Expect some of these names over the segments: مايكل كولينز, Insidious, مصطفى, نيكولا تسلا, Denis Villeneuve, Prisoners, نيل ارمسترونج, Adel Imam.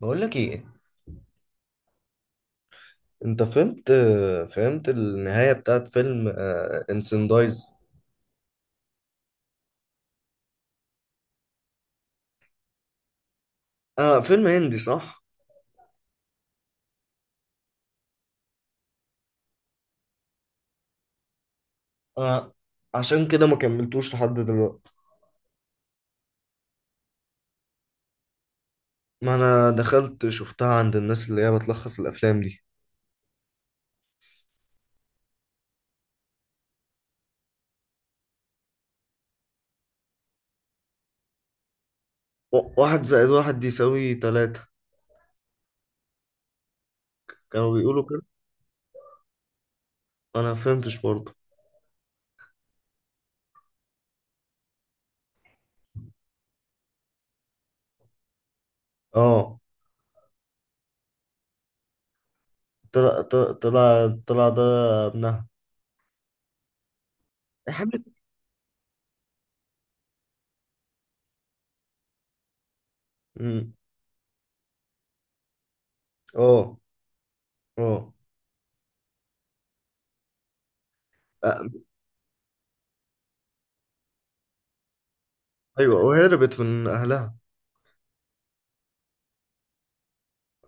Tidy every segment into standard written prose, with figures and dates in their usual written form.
بقول لك ايه. انت فهمت النهاية بتاعت فيلم انسندايز. اه، فيلم هندي صح. آه. عشان كده ما كملتوش لحد دلوقتي. ما انا دخلت شفتها عند الناس اللي هي بتلخص الافلام دي. واحد زائد واحد يساوي تلاتة، كانوا بيقولوا كده. انا ما فهمتش برضه. اه. طلع طلع طلع طلع ده ابنها. حبيت. مم. اه، اه، آه، ايوه وهربت من اهلها.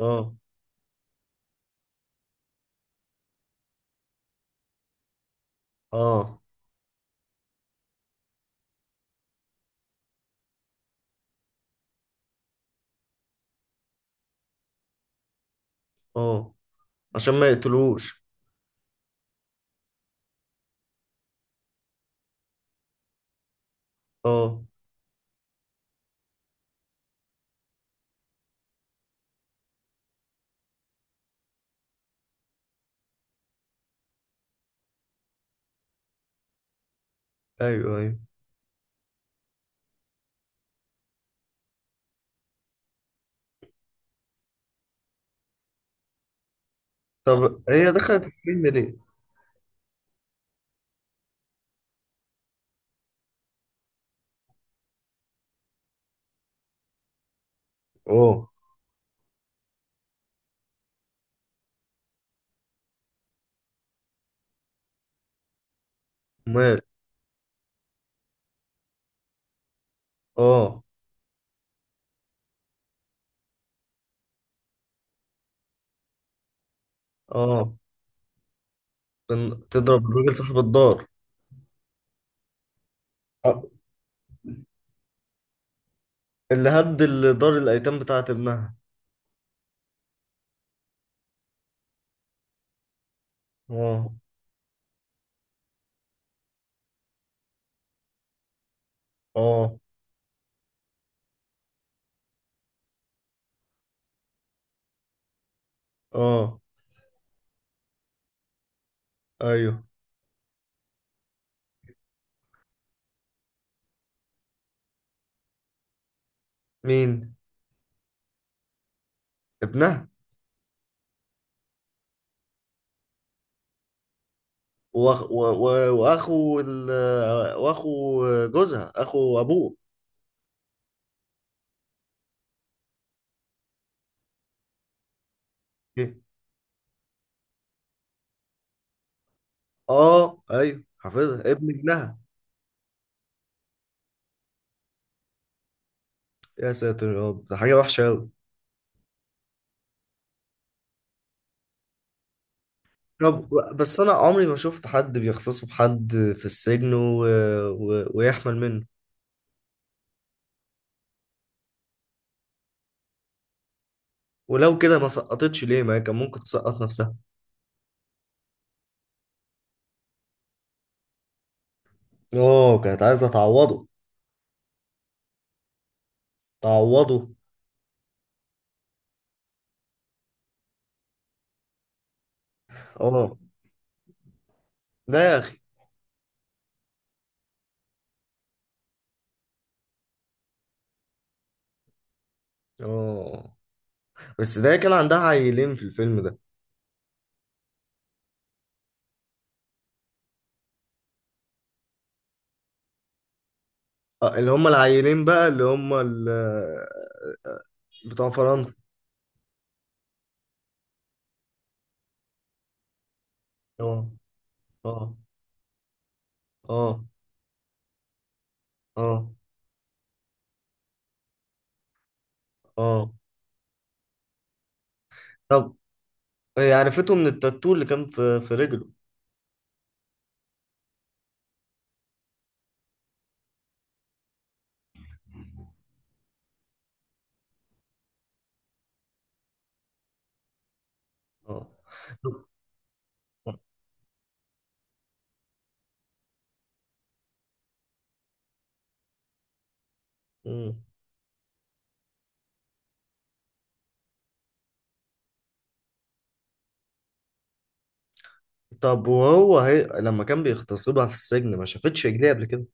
اه، اه، اه. عشان ما يقتلوش. اه، ايوه، ايوه. طب هي دخلت السجن ليه؟ اه. مال. اه، اه. تضرب الراجل صاحب الدار. آه، اللي هد دار الايتام بتاعت ابنها. اه، اه، اه، ايوه. مين؟ ابنها. وأخ... و... و... واخو ال... واخو جوزها اخو ابوه. إيه؟ اه، ايوه، حافظها ابن ابنها. يا ساتر يا رب، ده حاجه وحشه قوي. طب، بس انا عمري ما شفت حد بيخصصه بحد في السجن ويحمل منه. ولو كده ما سقطتش ليه؟ ما هي كان ممكن تسقط نفسها. اه، كانت عايزه تعوضه. تعوضه. اه. ده يا اخي. اه. بس ده كان عندها عيلين في الفيلم ده. آه، اللي هم العيلين بقى، اللي هم بتوع فرنسا. اه، اه، اه، اه، اه. طب، هي عرفته من التاتو اللي كان في رجله. اه. طب- مم. طب، لما كان بيغتصبها في السجن ما شافتش رجليه قبل كده؟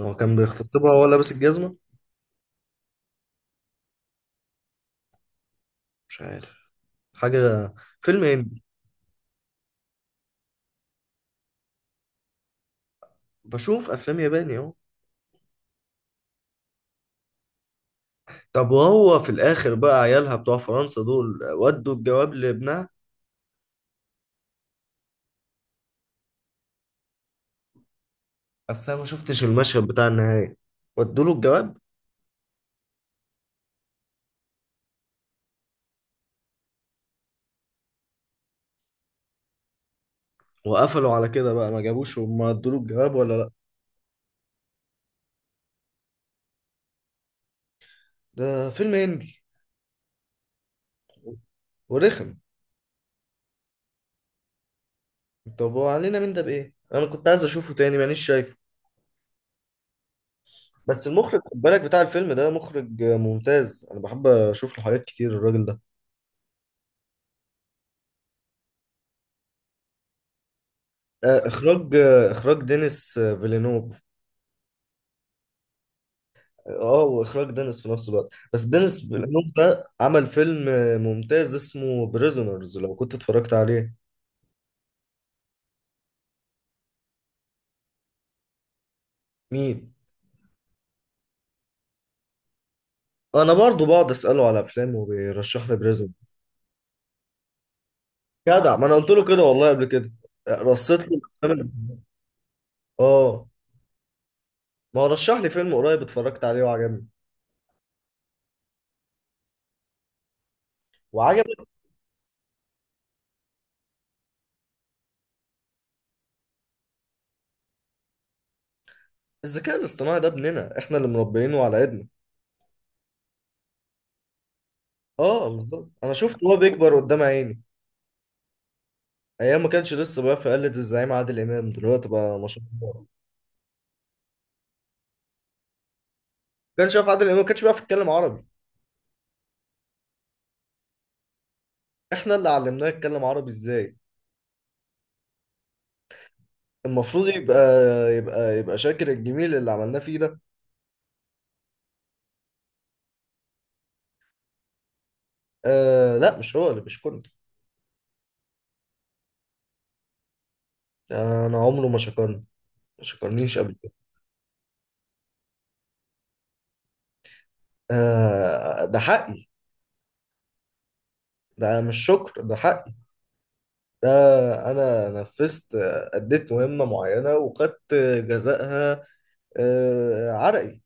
هو كان بيغتصبها وهو لابس الجزمة؟ مش عارف. حاجة. فيلم هندي. بشوف أفلام ياباني أهو. طب وهو في الآخر بقى عيالها بتوع فرنسا دول ودوا الجواب لابنها؟ بس أنا ما شفتش المشهد بتاع النهاية. ودوا له الجواب؟ وقفلوا على كده بقى، ما جابوش وما ادوا له الجواب ولا لأ؟ ده فيلم هندي. ورخم. طب وعلينا من ده بإيه؟ أنا كنت عايز أشوفه تاني، مانيش شايفه. بس المخرج، خد بالك، بتاع الفيلم ده مخرج ممتاز، انا بحب اشوف له حاجات كتير الراجل ده. آه، اخراج اخراج دينيس فيلينوف. اه، واخراج دينيس في نفس الوقت، بس دينيس فيلينوف ده عمل فيلم ممتاز اسمه بريزونرز لو كنت اتفرجت عليه. مين؟ انا برضو بقعد اساله على افلام وبيرشح لي بريزونرز. جدع، ما انا قلت له كده والله قبل كده. رصيت له الأفلام. اه. ما هو رشح لي فيلم قريب اتفرجت عليه وعجبني. وعجبك. الذكاء الاصطناعي ده ابننا احنا اللي مربيينه على ايدنا. اه، بالظبط، انا شفت وهو بيكبر قدام عيني. ايام ما كانش لسه بقى في قلة الزعيم عادل امام، دلوقتي بقى ما شاء الله. ما كانش يعرف عادل امام، ما كانش بيعرف يتكلم عربي. احنا اللي علمناه يتكلم عربي ازاي. المفروض يبقى شاكر الجميل اللي عملناه فيه ده. آه لا، مش هو اللي بيشكرني. انا عمره ما شكرني. ما شكرنيش قبل كده. آه، ده حقي. ده مش شكر، ده حقي. ده انا نفذت، اديت مهمة معينة وخدت جزائها، عرقي.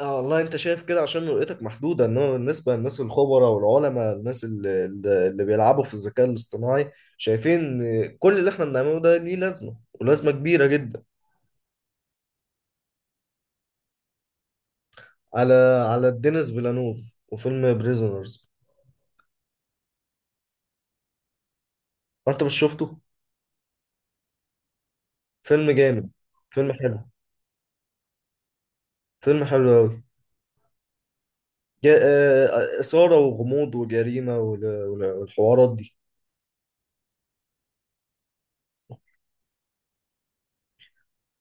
اه، والله انت شايف كده عشان رؤيتك محدوده، انما بالنسبه للناس الخبراء والعلماء، الناس اللي بيلعبوا في الذكاء الاصطناعي شايفين إن كل اللي احنا بنعمله ده ليه لازمه، ولازمه كبيره جدا. على على دينيس فيلانوف وفيلم بريزونرز. انت مش شفته؟ فيلم جامد. فيلم حلو. فيلم حلو قوي. اثاره وغموض وجريمه والحوارات دي.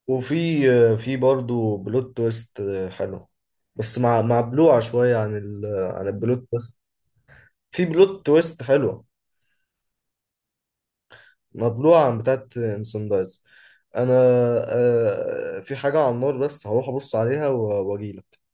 وفي آه، في برضه بلوت تويست حلو، بس مع بلوعه شويه عن عن البلوت تويست. في بلوت تويست حلوة، مبلوعة عن بتاعت سان دايز. انا، في حاجة على النار بس هروح ابص عليها واجيلك.